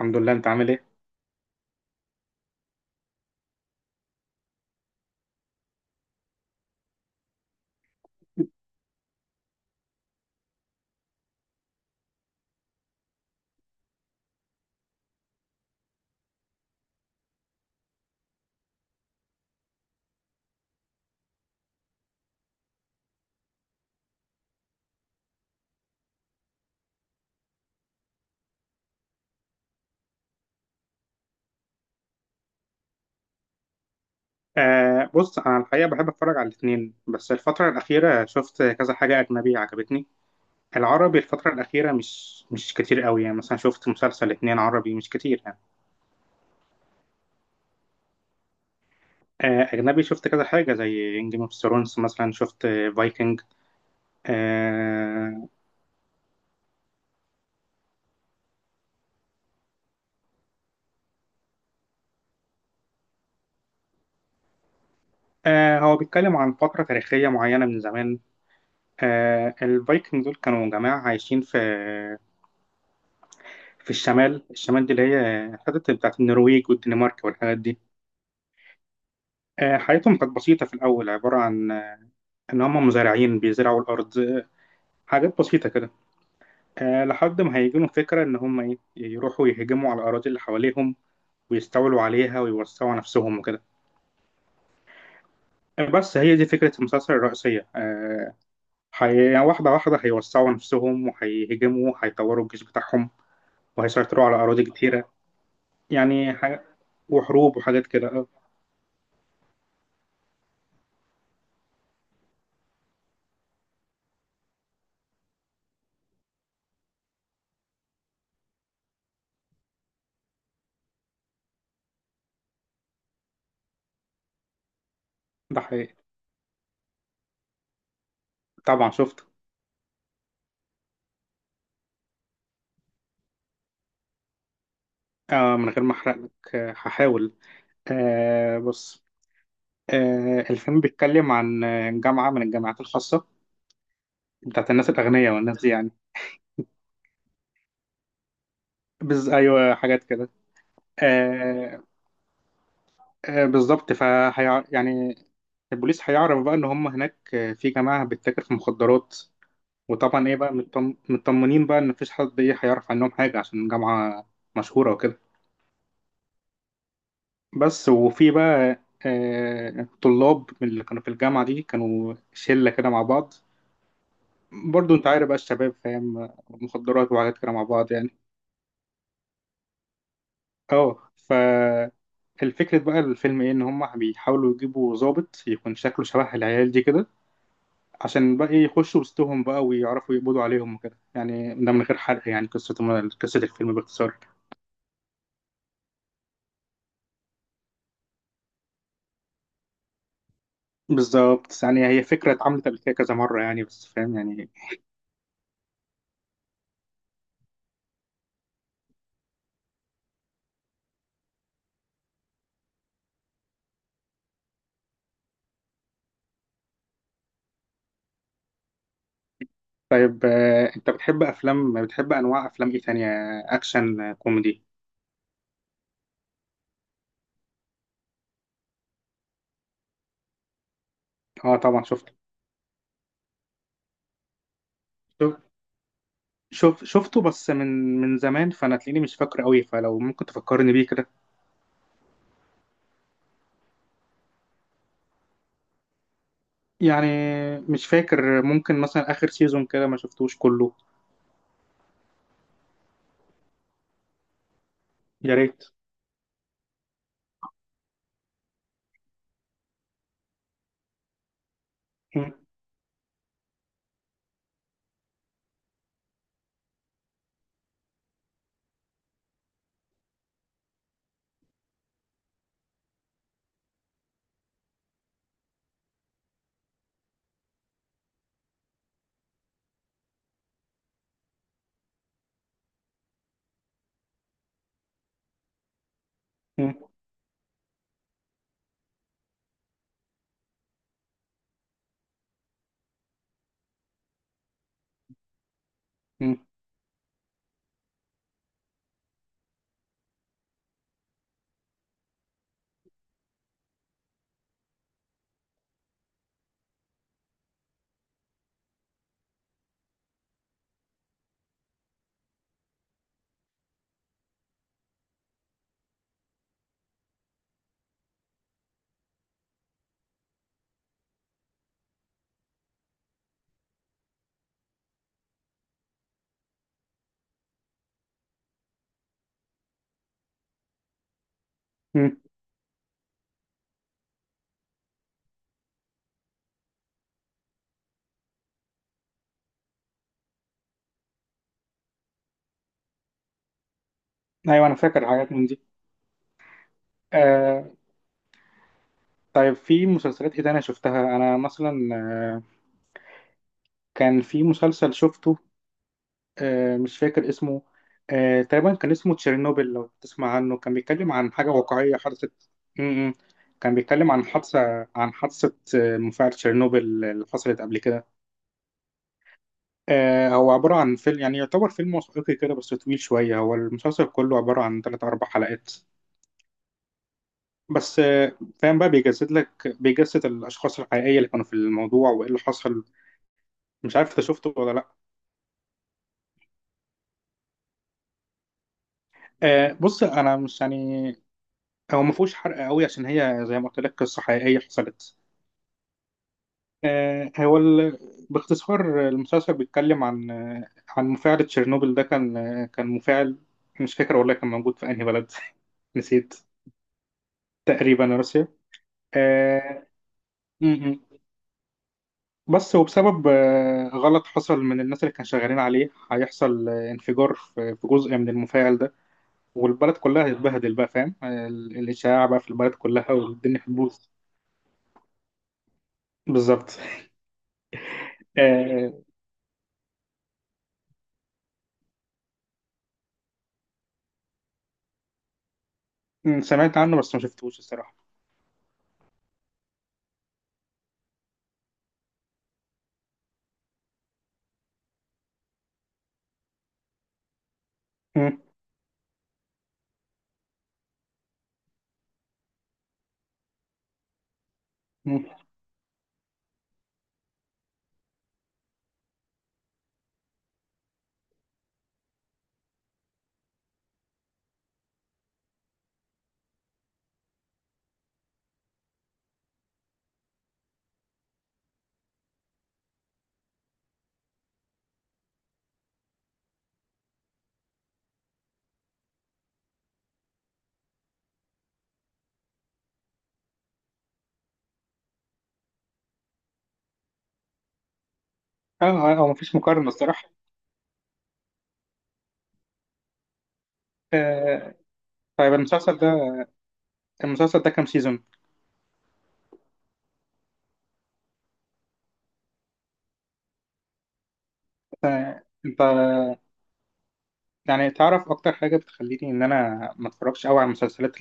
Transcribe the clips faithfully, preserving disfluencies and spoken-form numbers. الحمد لله، انت عامل ايه؟ آه بص، انا الحقيقه بحب اتفرج على الاثنين. بس الفتره الاخيره شفت كذا حاجه اجنبي عجبتني. العربي الفتره الاخيره مش مش كتير قوي، يعني مثلا شفت مسلسل اتنين عربي مش كتير يعني. آه اجنبي شفت كذا حاجه زي جيم اوف ثرونز، مثلا شفت فايكنج. آه آه هو بيتكلم عن فتره تاريخيه معينه من زمان. آه الفايكنج دول كانوا جماعه عايشين في في الشمال، الشمال دي اللي هي الحتت بتاعت النرويج والدنمارك والحاجات دي. آه، حياتهم كانت بسيطة في الأول، عبارة عن آه، إن هم مزارعين بيزرعوا الأرض، حاجات بسيطة كده. آه، لحد ما هيجيلهم فكرة إن هم إيه، يروحوا يهجموا على الأراضي اللي حواليهم ويستولوا عليها ويوسعوا نفسهم وكده. آه، بس هي دي فكرة المسلسل الرئيسية. آه، حي... يعني واحدة واحدة هيوسعوا نفسهم وهيهجموا وهيطوروا الجيش بتاعهم وهيسيطروا على أراضي كتيرة. يعني حاجة، وحروب وحاجات كده. آه، ده حقيقي، طبعا شفته. آه، من غير ما أحرق لك، آه، هحاول. آه، بص، آه، الفيلم بيتكلم عن آه، جامعة من الجامعات الخاصة، بتاعت الناس الأغنياء والناس دي يعني. بز... أيوة، حاجات كده. آه، آه، بالظبط. فهي يعني البوليس هيعرف بقى إن هم هناك آه، في جماعة بتتاجر في مخدرات. وطبعا إيه بقى، مطم... مطمنين بقى إن مفيش حد إيه هيعرف عنهم حاجة عشان جامعة مشهورة وكده. بس وفي بقى آه، طلاب من اللي كانوا في الجامعة دي، كانوا شلة كده مع بعض. برضو أنت عارف بقى الشباب، فاهم، مخدرات وحاجات كده مع بعض يعني. اه ف الفكرة بقى الفيلم ايه، ان هم بيحاولوا يجيبوا ضابط يكون شكله شبه العيال دي كده، عشان بقى إيه، يخشوا وسطهم بقى ويعرفوا يقبضوا عليهم وكده، يعني ده من غير حرق يعني. قصة قصة الفيلم باختصار. بالظبط، يعني هي فكرة اتعملت قبل كده كذا مرة يعني، بس فاهم يعني. طيب، آه، انت بتحب افلام، بتحب انواع افلام ايه تانية؟ اكشن، آه، كوميدي؟ اه طبعا شفت. شوف، شوف، شفته بس من من زمان، فانا تلاقيني مش فاكره قوي، فلو ممكن تفكرني بيه كده يعني. مش فاكر، ممكن مثلا اخر سيزون كده ما شفتوش كله. يا ريت. م- م- م- م. ايوه انا فاكر حاجات من دي. آه طيب، في مسلسلات ايه تانية شفتها؟ انا مثلا آه كان في مسلسل شفته، آه مش فاكر اسمه، آه تقريبا كان اسمه تشيرنوبل، لو تسمع عنه. كان بيتكلم عن حاجة واقعية حدثت. م- م. كان بيتكلم عن حادثة، عن حادثة آه، مفاعل تشيرنوبل، اللي حصلت قبل كده. آه هو عبارة عن فيلم، يعني يعتبر فيلم وثائقي كده بس طويل شوية. هو المسلسل كله عبارة عن تلات أربع حلقات بس. آه فاهم بقى، بيجسد لك بيجسد الأشخاص الحقيقية اللي كانوا في الموضوع وإيه اللي حصل. مش عارف أنت شفته ولا لأ. آه بص، أنا مش يعني، هو ما فيهوش حرق قوي عشان هي زي ما قلت لك قصة حقيقية حصلت. آه هو ال... باختصار المسلسل بيتكلم عن آه عن مفاعل تشيرنوبل. ده كان آه كان مفاعل، مش فاكر والله كان موجود في أنهي بلد. نسيت. تقريبا روسيا. آه، م-م. بس وبسبب آه، غلط حصل من الناس اللي كانوا شغالين عليه، هيحصل آه، انفجار في في جزء من المفاعل ده، والبلد كلها هتتبهدل بقى. فاهم، آه، ال- الإشاعة بقى في البلد كلها، والدنيا هتبوظ. بالظبط. آه، م، سمعت عنه بس ما شفتهوش الصراحة. م- م. اه، آه، آه، مفيش مقارنة الصراحة. آه، طيب المسلسل ده، المسلسل ده كام سيزون؟ آه، انت، يعني تعرف اكتر حاجة بتخليني ان انا ما اتفرجش قوي على المسلسلات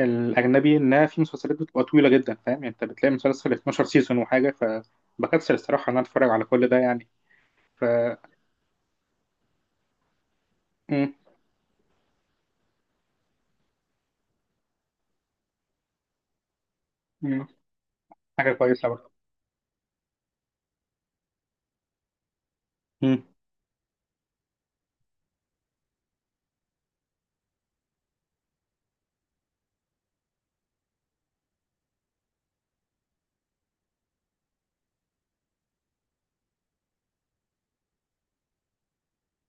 الاجنبي؟ انها في مسلسلات بتبقى طويله جدا، فاهم يعني؟ انت بتلاقي مسلسل 12 سيزون وحاجه، فبكسل الصراحه ان انا اتفرج على كل ده يعني. ف مم. مم. حاجه كويسه برضه. مم.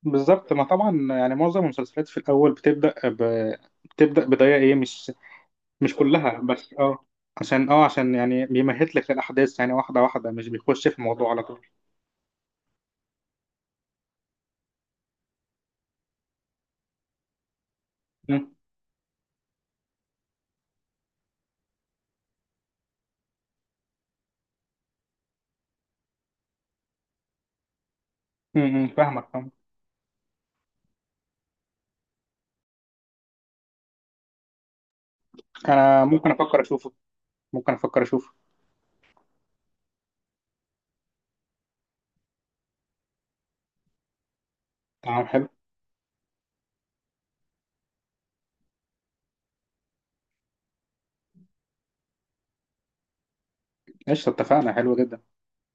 بالظبط، ما طبعا يعني معظم المسلسلات في الاول بتبدا ب... بتبدا بدايه ايه، مش مش كلها بس اه عشان اه عشان يعني بيمهد لك للاحداث يعني واحده واحده، مش بيخش في الموضوع على طول. مم. مم. فاهمك، فاهمك. انا ممكن افكر اشوفه، ممكن افكر اشوفه. تمام حلو. قشطه، اتفقنا. حلو جدا.